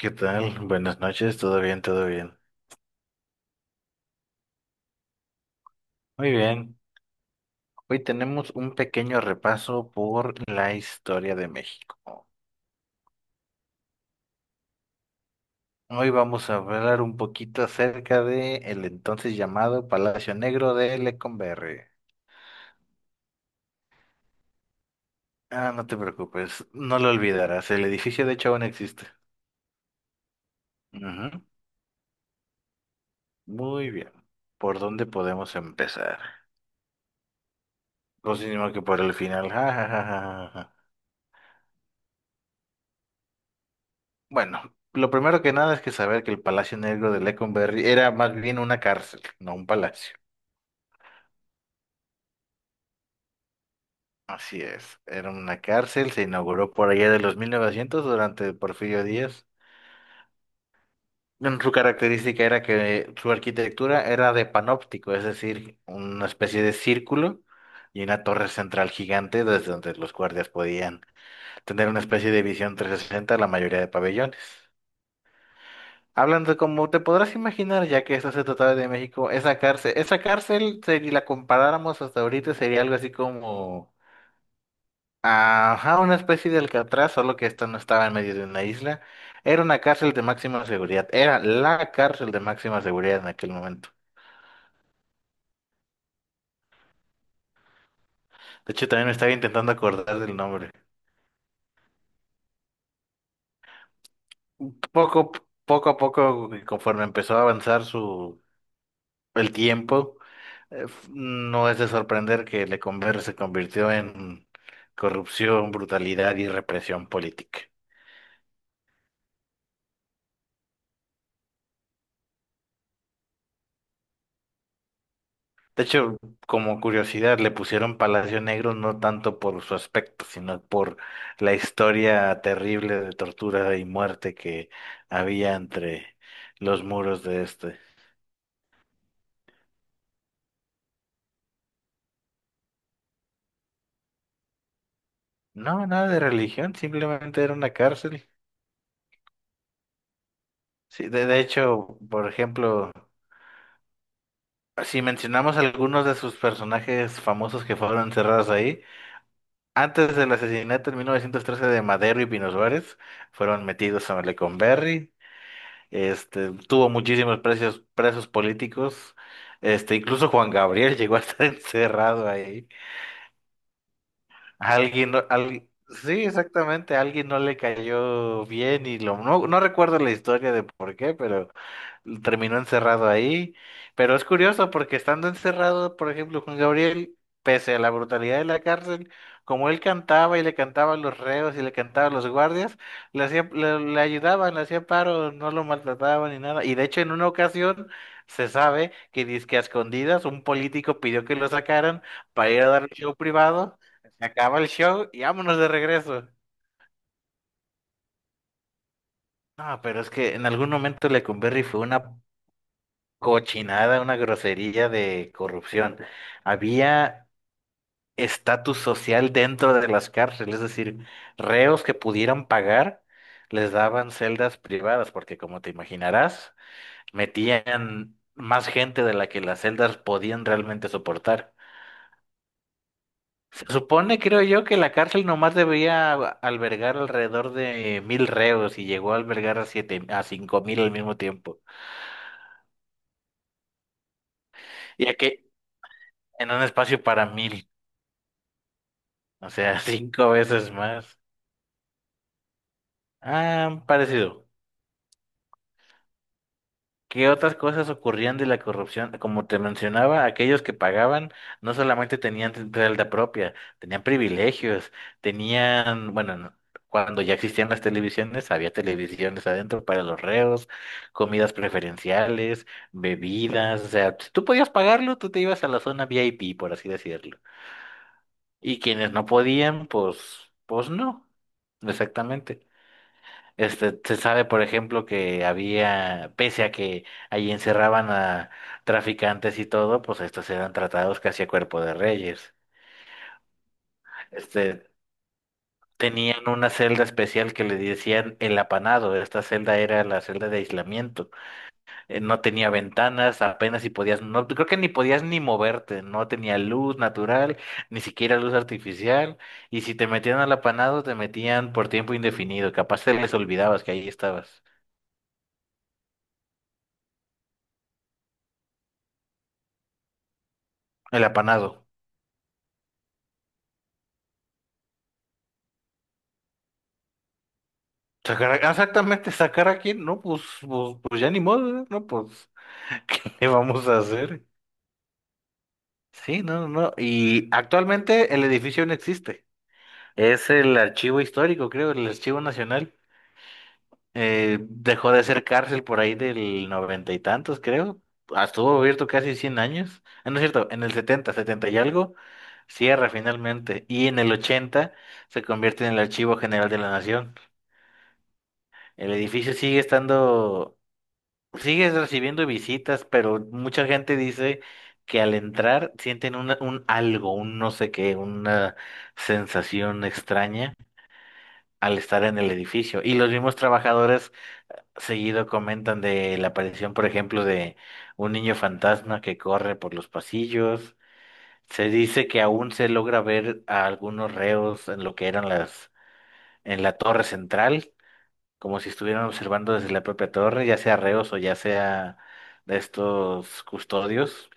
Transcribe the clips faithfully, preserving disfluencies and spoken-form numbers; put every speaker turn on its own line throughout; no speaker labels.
¿Qué tal? Buenas noches, todo bien, todo bien. Muy bien. Hoy tenemos un pequeño repaso por la historia de México. Hoy vamos a hablar un poquito acerca de el entonces llamado Palacio Negro de Lecumberri. Ah, no te preocupes, no lo olvidarás. El edificio de hecho aún existe. Ujú. Muy bien. ¿Por dónde podemos empezar? Pues sino que por el final. Bueno, lo primero que nada es que saber que el Palacio Negro de Lecumberri era más bien una cárcel, no un palacio. Así es, era una cárcel, se inauguró por allá de los mil novecientos durante Porfirio Díaz. Mm, Su característica era que su arquitectura era de panóptico, es decir, una especie de círculo y una torre central gigante desde donde los guardias podían tener una especie de visión trescientos sesenta a la mayoría de pabellones. Hablando como te podrás imaginar, ya que esto se trataba de México, esa cárcel, esa cárcel, si la comparáramos hasta ahorita, sería algo así como, ajá, una especie de Alcatraz, solo que esta no estaba en medio de una isla. Era una cárcel de máxima seguridad, era la cárcel de máxima seguridad en aquel momento. De hecho, también me estaba intentando acordar del nombre. Poco, poco a poco, conforme empezó a avanzar su, el tiempo, eh, f- no es de sorprender que Lecumberri se convirtió en corrupción, brutalidad y represión política. De hecho, como curiosidad, le pusieron Palacio Negro no tanto por su aspecto, sino por la historia terrible de tortura y muerte que había entre los muros de este. No, nada de religión, simplemente era una cárcel. Sí, de, de hecho, por ejemplo, si mencionamos algunos de sus personajes famosos que fueron encerrados ahí, antes del asesinato en mil novecientos trece de Madero y Pino Suárez, fueron metidos a Maleconberri, este, tuvo muchísimos presos, presos políticos, este, incluso Juan Gabriel llegó a estar encerrado ahí. Alguien, no- al- sí, exactamente, alguien no le cayó bien y lo, no, no recuerdo la historia de por qué, pero terminó encerrado ahí. Pero es curioso porque estando encerrado, por ejemplo, Juan Gabriel, pese a la brutalidad de la cárcel, como él cantaba y le cantaba a los reos y le cantaba a los guardias, le hacía, le, le ayudaban, le hacía paro, no lo maltrataban ni nada. Y de hecho, en una ocasión se sabe que dizque a escondidas un político pidió que lo sacaran para ir a dar un show privado. Se acaba el show y vámonos de regreso. No, pero es que en algún momento Lecumberri fue una cochinada, una grosería de corrupción. Había estatus social dentro de las cárceles, es decir, reos que pudieran pagar les daban celdas privadas, porque como te imaginarás, metían más gente de la que las celdas podían realmente soportar. Se supone, creo yo, que la cárcel nomás debía albergar alrededor de mil reos y llegó a albergar a siete, a cinco mil al mismo tiempo. Ya que en un espacio para mil, o sea, cinco veces más. Ah, parecido. ¿Qué otras cosas ocurrían de la corrupción? Como te mencionaba, aquellos que pagaban no solamente tenían t- realidad propia, tenían privilegios, tenían, bueno, no- cuando ya existían las televisiones, había televisiones adentro para los reos, comidas preferenciales, bebidas, o sea, si tú podías pagarlo, tú te ibas a la zona V I P, por así decirlo. Y quienes no podían, pues, pues no, exactamente. Este, se sabe, por ejemplo, que había, pese a que allí encerraban a traficantes y todo, pues estos eran tratados casi a cuerpo de reyes. Este, tenían una celda especial que le decían el apanado. Esta celda era la celda de aislamiento. Eh, no tenía ventanas, apenas si podías, no, creo que ni podías ni moverte, no tenía luz natural, ni siquiera luz artificial. Y si te metían al apanado, te metían por tiempo indefinido. Capaz te les olvidabas que ahí estabas. El apanado. Sacar a- ah, exactamente, sacar a quién, no, pues, pues, pues ya ni modo, ¿eh? No, pues, ¿qué le vamos a hacer? Sí, no, no, no, y actualmente el edificio no existe, es el archivo histórico, creo, el archivo nacional. Eh, dejó de ser cárcel por ahí del noventa y tantos, creo. Ah, estuvo abierto casi cien años. Ah, no es cierto, en el setenta, setenta y algo, cierra finalmente, y en el ochenta se convierte en el Archivo General de la Nación, el edificio sigue estando... Sigues recibiendo visitas, pero mucha gente dice que al entrar sienten una- un algo, un no sé qué, una sensación extraña al estar en el edificio. Y los mismos trabajadores seguido comentan de la aparición, por ejemplo, de un niño fantasma que corre por los pasillos. Se dice que aún se logra ver a algunos reos en lo que eran las, en la torre central como si estuvieran observando desde la propia torre, ya sea reos o ya sea de estos custodios.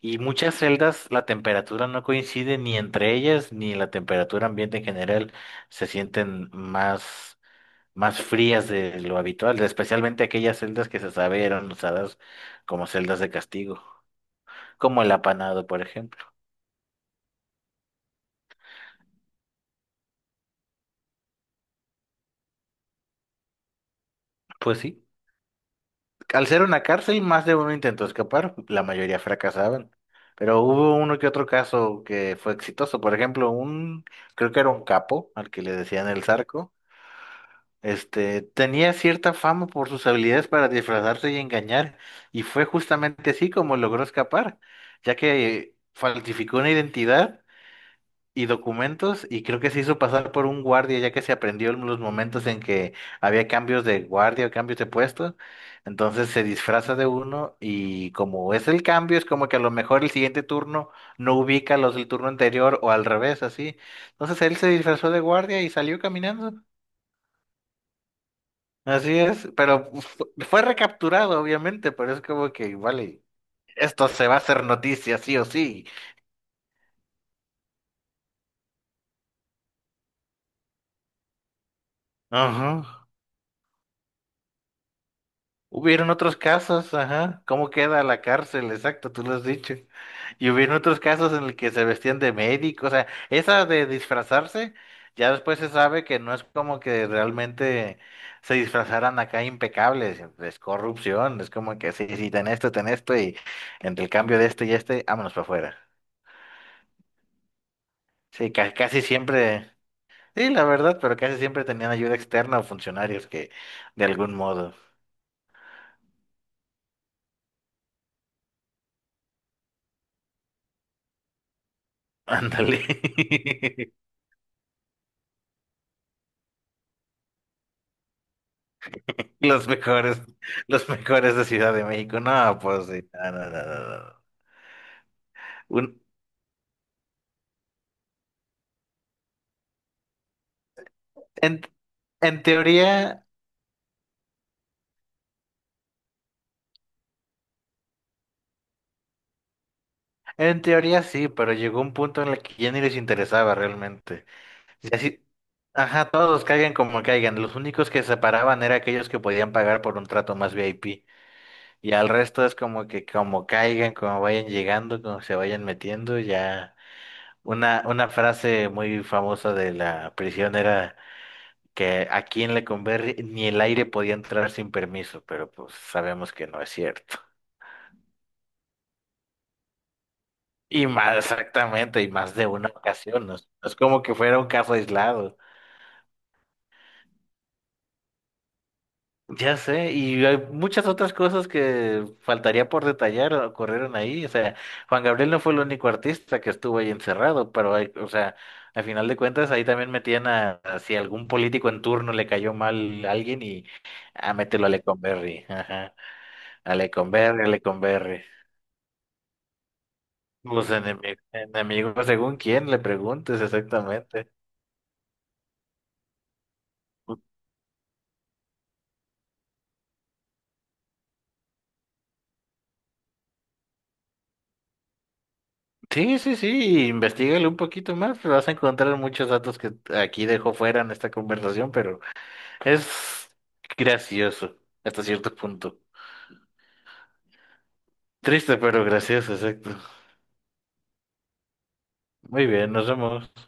Y muchas celdas la temperatura no coincide ni entre ellas ni la temperatura ambiente en general se sienten más, más frías de lo habitual, especialmente aquellas celdas que se sabe eran usadas como celdas de castigo, como el apanado, por ejemplo. Pues sí. Al ser una cárcel, más de uno intentó escapar, la mayoría fracasaban. Pero hubo uno que otro caso que fue exitoso. Por ejemplo, un, creo que era un capo, al que le decían el Zarco, este, tenía cierta fama por sus habilidades para disfrazarse y engañar, y fue justamente así como logró escapar, ya que falsificó una identidad y documentos y creo que se hizo pasar por un guardia ya que se aprendió en los momentos en que había cambios de guardia o cambios de puesto. Entonces se disfraza de uno y como es el cambio, es como que a lo mejor el siguiente turno no ubica a los del turno anterior o al revés, así. Entonces él se disfrazó de guardia y salió caminando. Así es, pero fu- fue recapturado, obviamente, pero es como que, vale, esto se va a hacer noticia, sí o sí. Ajá. Hubieron otros casos, ajá, ¿cómo queda la cárcel? Exacto, tú lo has dicho. Y hubieron otros casos en el que se vestían de médico, o sea, esa de disfrazarse, ya después se sabe que no es como que realmente se disfrazaran acá impecables, es corrupción, es como que sí, sí, ten esto, ten esto, y entre el cambio de esto y este, vámonos para afuera. Sí, ca- casi siempre, sí, la verdad, pero casi siempre tenían ayuda externa o funcionarios que, de algún modo, ándale. Los mejores, los mejores de Ciudad de México. No, pues sí. No, no, no, no, no. Un- en, en teoría, en teoría sí, pero llegó un punto en el que ya ni les interesaba realmente. Y así, ajá, todos caigan como caigan. Los únicos que se paraban eran aquellos que podían pagar por un trato más V I P. Y al resto es como que como caigan, como vayan llegando, como se vayan metiendo, ya. Una, una frase muy famosa de la prisión era que aquí en Lecumberri ni el aire podía entrar sin permiso, pero pues sabemos que no es cierto. Y más exactamente, y más de una ocasión, no es no es como que fuera un caso aislado. Ya sé, y hay muchas otras cosas que faltaría por detallar ocurrieron ahí. O sea, Juan Gabriel no fue el único artista que estuvo ahí encerrado, pero hay- o sea, al final de cuentas ahí también metían a, a si algún político en turno le cayó mal a alguien y a mételo a Lecumberri, ajá, a Lecumberri, a Lecumberri. Los enemigos, enemigos, según quién le preguntes exactamente. Sí, sí, sí, investigale un poquito más, pero vas a encontrar muchos datos que aquí dejo fuera en esta conversación, pero es gracioso hasta cierto punto. Triste, pero gracioso, exacto. Muy bien, nos vemos.